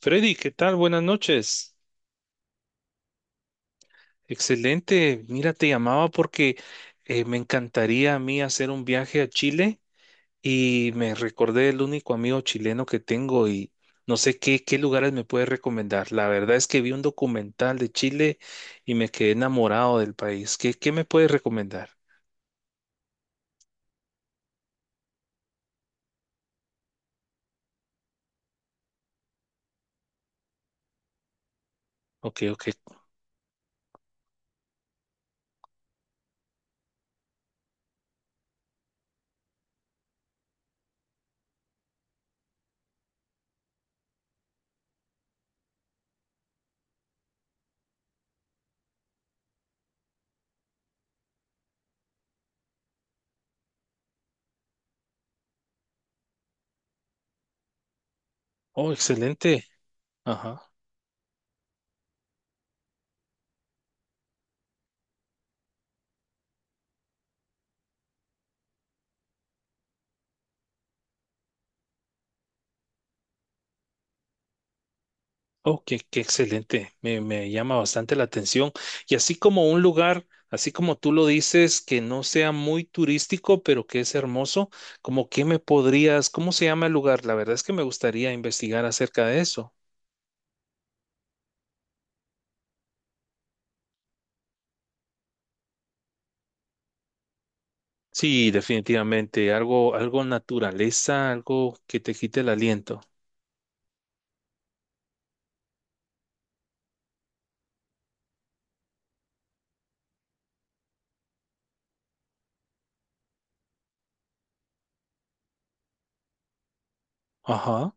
Freddy, ¿qué tal? Buenas noches. Excelente. Mira, te llamaba porque me encantaría a mí hacer un viaje a Chile y me recordé el único amigo chileno que tengo y no sé qué lugares me puedes recomendar. La verdad es que vi un documental de Chile y me quedé enamorado del país. ¿ qué me puedes recomendar? Ok, ok. Oh, excelente. Ajá. Oh, qué excelente, me llama bastante la atención. Y así como un lugar, así como tú lo dices, que no sea muy turístico, pero que es hermoso, como que me podrías, ¿cómo se llama el lugar? La verdad es que me gustaría investigar acerca de eso. Sí, definitivamente, algo naturaleza, algo que te quite el aliento. Ajá,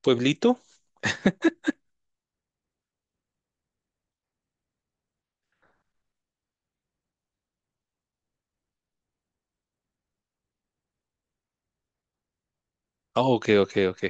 pueblito. Ah, ok, ok, ok.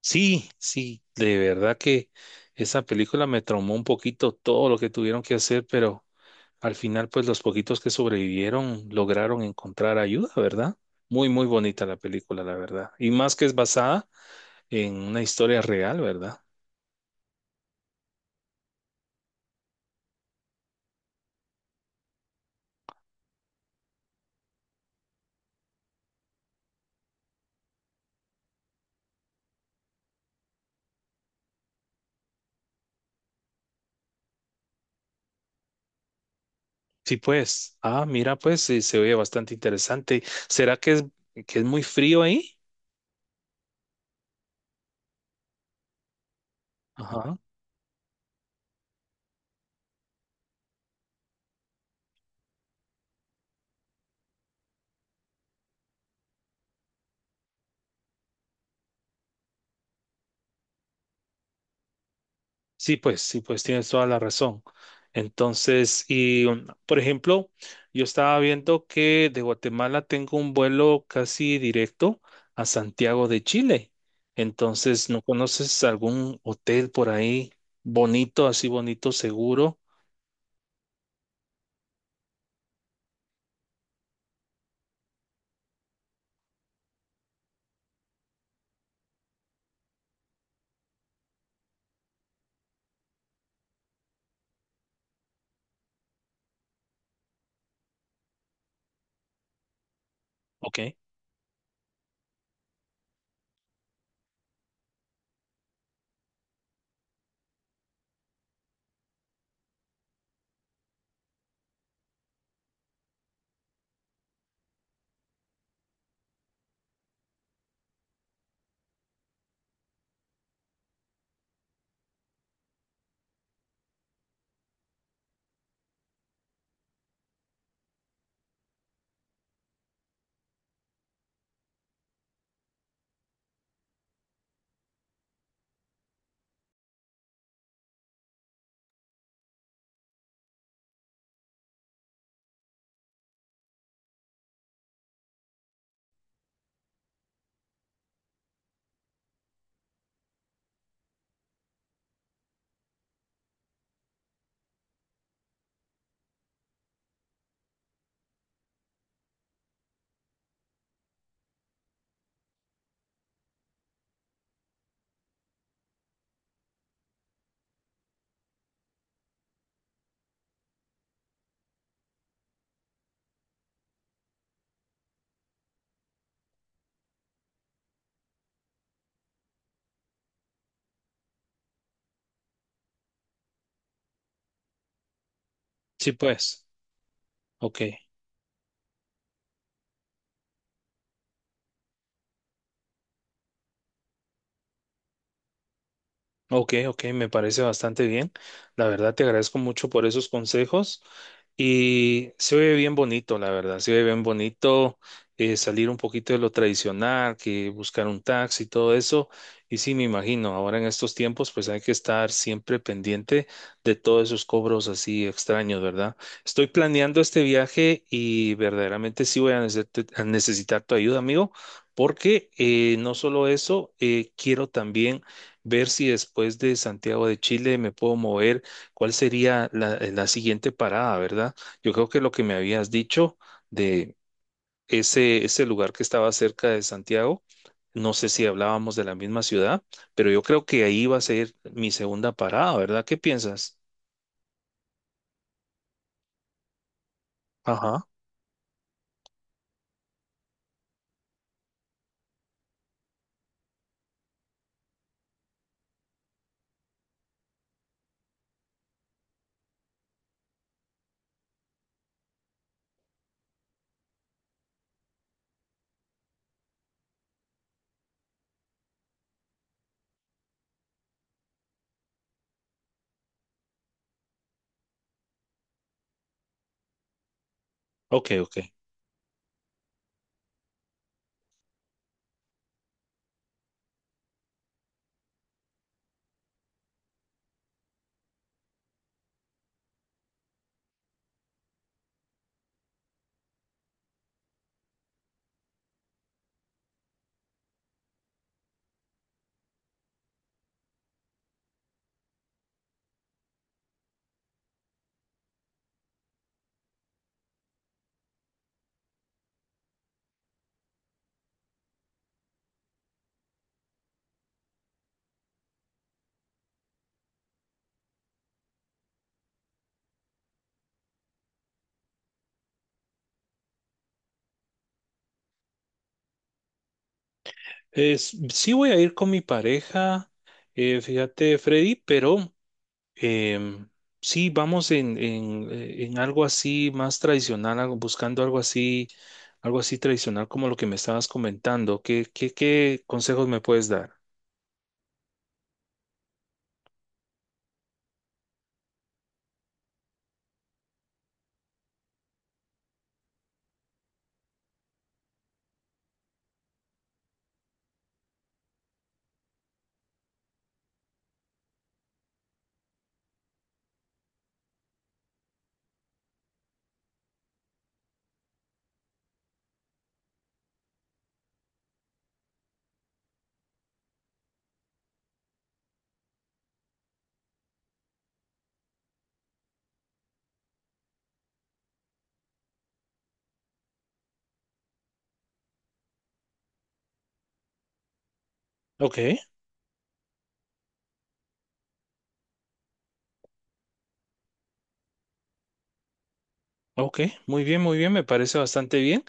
Sí, sí, de verdad que esa película me traumó un poquito todo lo que tuvieron que hacer, pero... Al final, pues los poquitos que sobrevivieron lograron encontrar ayuda, ¿verdad? Muy, muy bonita la película, la verdad. Y más que es basada en una historia real, ¿verdad? Sí, pues. Ah, mira, pues sí, se oye bastante interesante. ¿Será que es, ¿que es muy frío ahí? Ajá. Sí, pues tienes toda la razón. Entonces, por ejemplo, yo estaba viendo que de Guatemala tengo un vuelo casi directo a Santiago de Chile. Entonces, ¿no conoces algún hotel por ahí bonito, así bonito, seguro? Ok. Sí, pues. Ok. Ok, ok, me parece bastante bien. La verdad te agradezco mucho por esos consejos y se oye bien bonito, la verdad, se oye bien bonito salir un poquito de lo tradicional, que buscar un taxi y todo eso. Y sí, me imagino, ahora en estos tiempos pues hay que estar siempre pendiente de todos esos cobros así extraños, ¿verdad? Estoy planeando este viaje y verdaderamente sí voy a necesitar tu ayuda, amigo, porque no solo eso, quiero también ver si después de Santiago de Chile me puedo mover, cuál sería la siguiente parada, ¿verdad? Yo creo que lo que me habías dicho de ese lugar que estaba cerca de Santiago, no sé si hablábamos de la misma ciudad, pero yo creo que ahí va a ser mi segunda parada, ¿verdad? ¿Qué piensas? Ajá, ok, ok. Es, sí voy a ir con mi pareja, fíjate, Freddy, pero Em, sí, vamos en algo así más tradicional, algo- buscando algo así tradicional como lo que me estabas comentando. Qué consejos me puedes dar? Ok. Ok, muy bien, me parece bastante bien.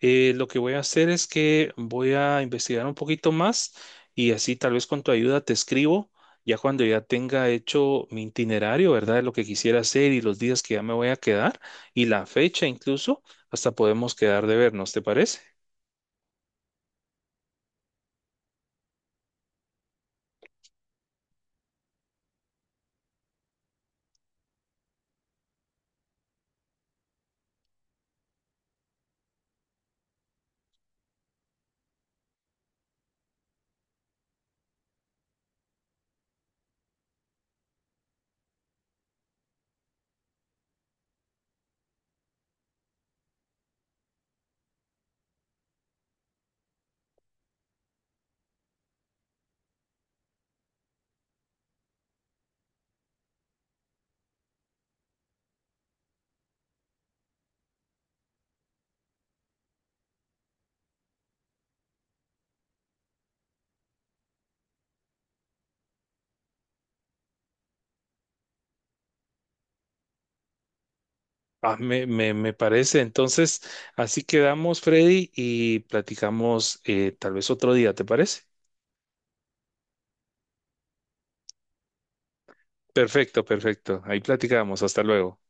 Lo que voy a hacer es que voy a investigar un poquito más y así tal vez con tu ayuda te escribo ya cuando ya tenga hecho mi itinerario, ¿verdad? De lo que quisiera hacer y los días que ya me voy a quedar y la fecha incluso, hasta podemos quedar de vernos, ¿te parece? Ah, me parece. Entonces, así quedamos, Freddy, y platicamos tal vez otro día, ¿te parece? Perfecto, perfecto. Ahí platicamos. Hasta luego.